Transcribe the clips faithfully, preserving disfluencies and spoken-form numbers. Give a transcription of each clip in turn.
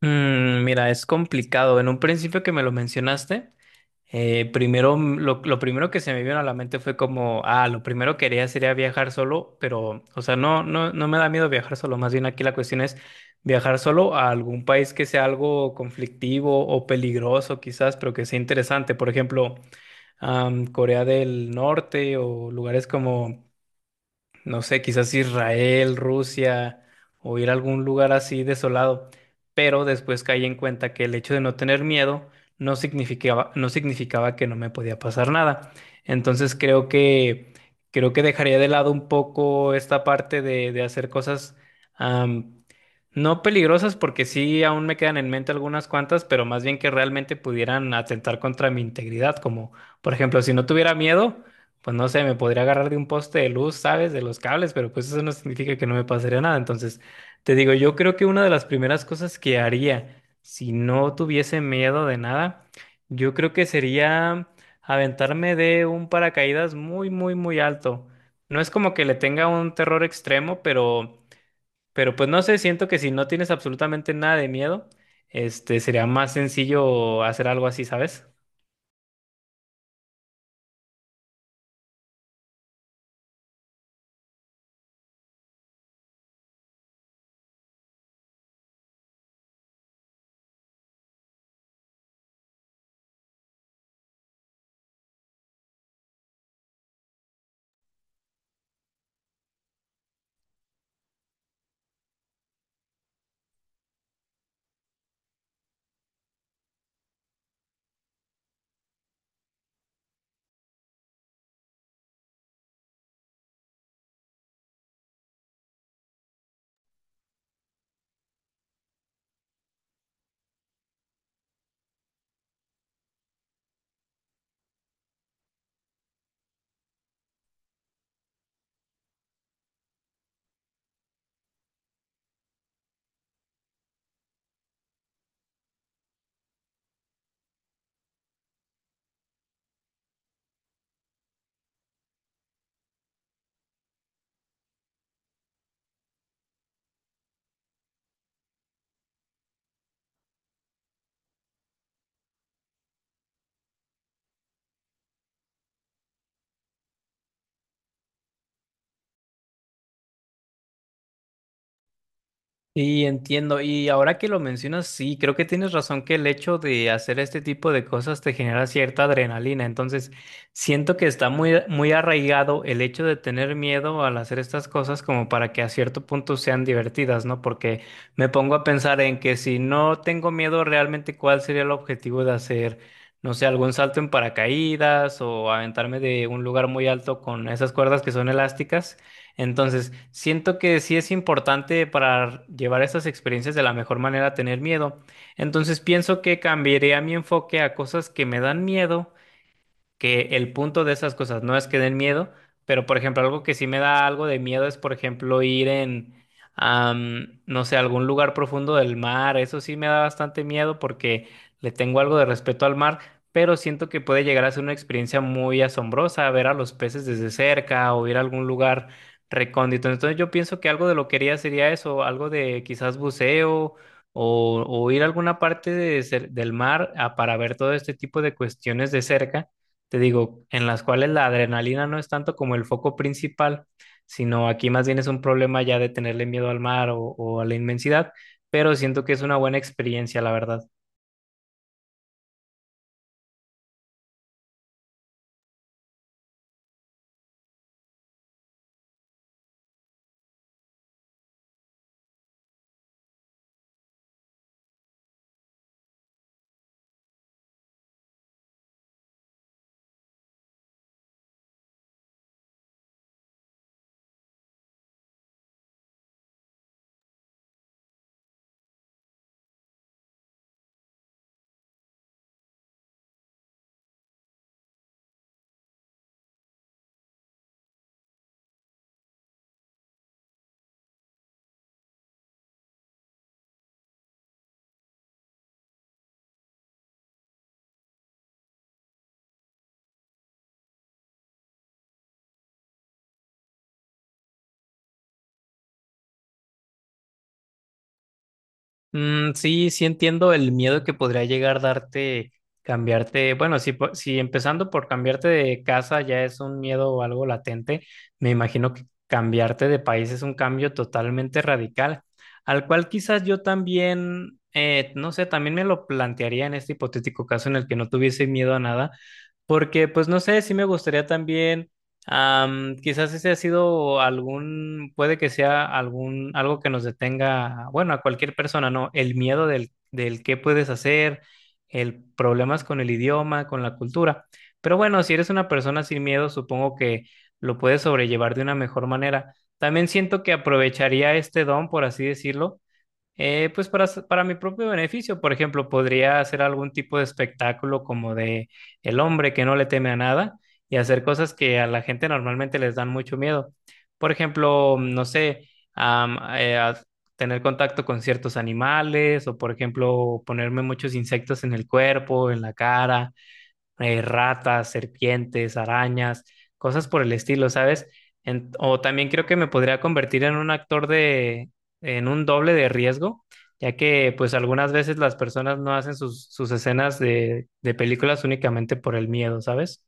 Mm, mira, es complicado. En un principio que me lo mencionaste, eh, primero mm, lo, lo primero que se me vino a la mente fue como, ah, lo primero que haría sería viajar solo, pero, o sea, no, no, no me da miedo viajar solo. Más bien aquí la cuestión es viajar solo a algún país que sea algo conflictivo o peligroso, quizás, pero que sea interesante. Por ejemplo, am, Corea del Norte o lugares como no sé, quizás Israel, Rusia o ir a algún lugar así desolado, pero después caí en cuenta que el hecho de no tener miedo no significaba, no significaba que no me podía pasar nada. Entonces creo que creo que dejaría de lado un poco esta parte de, de hacer cosas am, no peligrosas, porque sí aún me quedan en mente algunas cuantas, pero más bien que realmente pudieran atentar contra mi integridad, como por ejemplo, si no tuviera miedo. Pues no sé, me podría agarrar de un poste de luz, ¿sabes? De los cables, pero pues eso no significa que no me pasaría nada. Entonces, te digo, yo creo que una de las primeras cosas que haría si no tuviese miedo de nada, yo creo que sería aventarme de un paracaídas muy, muy, muy alto. No es como que le tenga un terror extremo, pero, pero pues no sé, siento que si no tienes absolutamente nada de miedo, este, sería más sencillo hacer algo así, ¿sabes? Sí, entiendo. Y ahora que lo mencionas, sí, creo que tienes razón que el hecho de hacer este tipo de cosas te genera cierta adrenalina. Entonces, siento que está muy, muy arraigado el hecho de tener miedo al hacer estas cosas como para que a cierto punto sean divertidas, ¿no? Porque me pongo a pensar en que si no tengo miedo realmente, ¿cuál sería el objetivo de hacer, no sé, algún salto en paracaídas o aventarme de un lugar muy alto con esas cuerdas que son elásticas? Entonces, siento que sí es importante para llevar estas experiencias de la mejor manera tener miedo. Entonces, pienso que cambiaría mi enfoque a cosas que me dan miedo que el punto de esas cosas no es que den miedo, pero por ejemplo, algo que sí me da algo de miedo es, por ejemplo, ir en, am, no sé, algún lugar profundo del mar. Eso sí me da bastante miedo porque le tengo algo de respeto al mar, pero siento que puede llegar a ser una experiencia muy asombrosa ver a los peces desde cerca o ir a algún lugar recóndito. Entonces yo pienso que algo de lo que haría sería eso, algo de quizás buceo. O, o ir a alguna parte de cer- del mar ah, para ver todo este tipo de cuestiones de cerca te digo, en las cuales la adrenalina no es tanto como el foco principal, sino aquí más bien es un problema ya de tenerle miedo al mar o, o a la inmensidad, pero siento que es una buena experiencia, la verdad. Mm, sí, sí entiendo el miedo que podría llegar a darte cambiarte. Bueno, si, po- si empezando por cambiarte de casa ya es un miedo o algo latente, me imagino que cambiarte de país es un cambio totalmente radical, al cual quizás yo también, eh, no sé, también me lo plantearía en este hipotético caso en el que no tuviese miedo a nada, porque pues no sé, sí me gustaría también. Am, quizás ese ha sido algún, puede que sea algún, algo que nos detenga, bueno, a cualquier persona, ¿no? El miedo del, del qué puedes hacer, el problemas con el idioma, con la cultura. Pero bueno, si eres una persona sin miedo, supongo que lo puedes sobrellevar de una mejor manera. También siento que aprovecharía este don, por así decirlo, eh, pues para, s- para mi propio beneficio, por ejemplo, podría hacer algún tipo de espectáculo como de el hombre que no le teme a nada y hacer cosas que a la gente normalmente les dan mucho miedo. Por ejemplo, no sé, am, eh, a tener contacto con ciertos animales o, por ejemplo, ponerme muchos insectos en el cuerpo, en la cara eh, ratas, serpientes, arañas, cosas por el estilo, ¿sabes? En- o también creo que me podría convertir en un actor de, en un doble de riesgo, ya que pues algunas veces las personas no hacen sus, sus escenas de, de películas únicamente por el miedo, ¿sabes?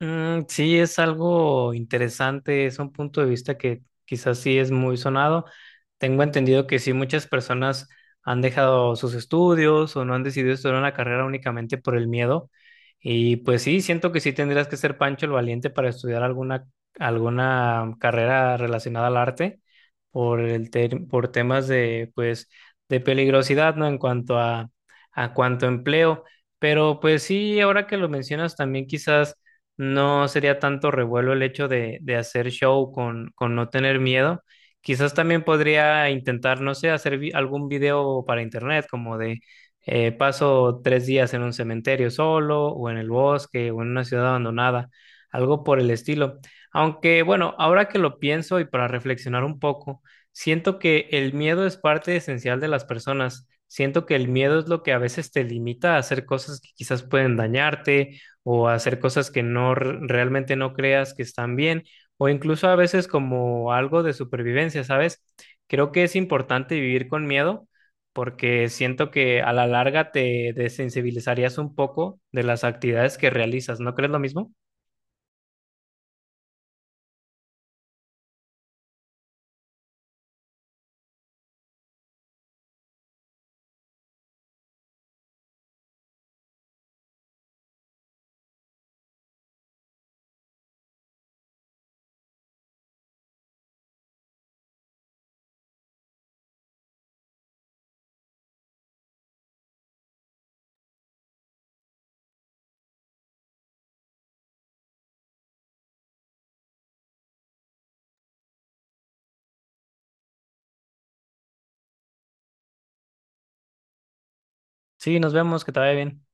Mm, sí, es algo interesante, es un punto de vista que quizás sí es muy sonado. Tengo entendido que sí, muchas personas han dejado sus estudios o no han decidido estudiar una carrera únicamente por el miedo. Y pues sí, siento que sí tendrías que ser Pancho el Valiente para estudiar alguna, alguna carrera relacionada al arte por el ter- por temas de, pues, de peligrosidad, ¿no? En cuanto a, a cuanto a empleo. Pero pues sí, ahora que lo mencionas también quizás no sería tanto revuelo el hecho de, de hacer show con, con no tener miedo. Quizás también podría intentar, no sé, hacer vi- algún video para internet, como de eh, paso tres días en un cementerio solo, o en el bosque, o en una ciudad abandonada, algo por el estilo. Aunque bueno, ahora que lo pienso y para reflexionar un poco, siento que el miedo es parte esencial de las personas. Siento que el miedo es lo que a veces te limita a hacer cosas que quizás pueden dañarte o hacer cosas que no r- realmente no creas que están bien, o incluso a veces como algo de supervivencia, ¿sabes? Creo que es importante vivir con miedo porque siento que a la larga te desensibilizarías un poco de las actividades que realizas, ¿no crees lo mismo? Sí, nos vemos, que te vaya bien.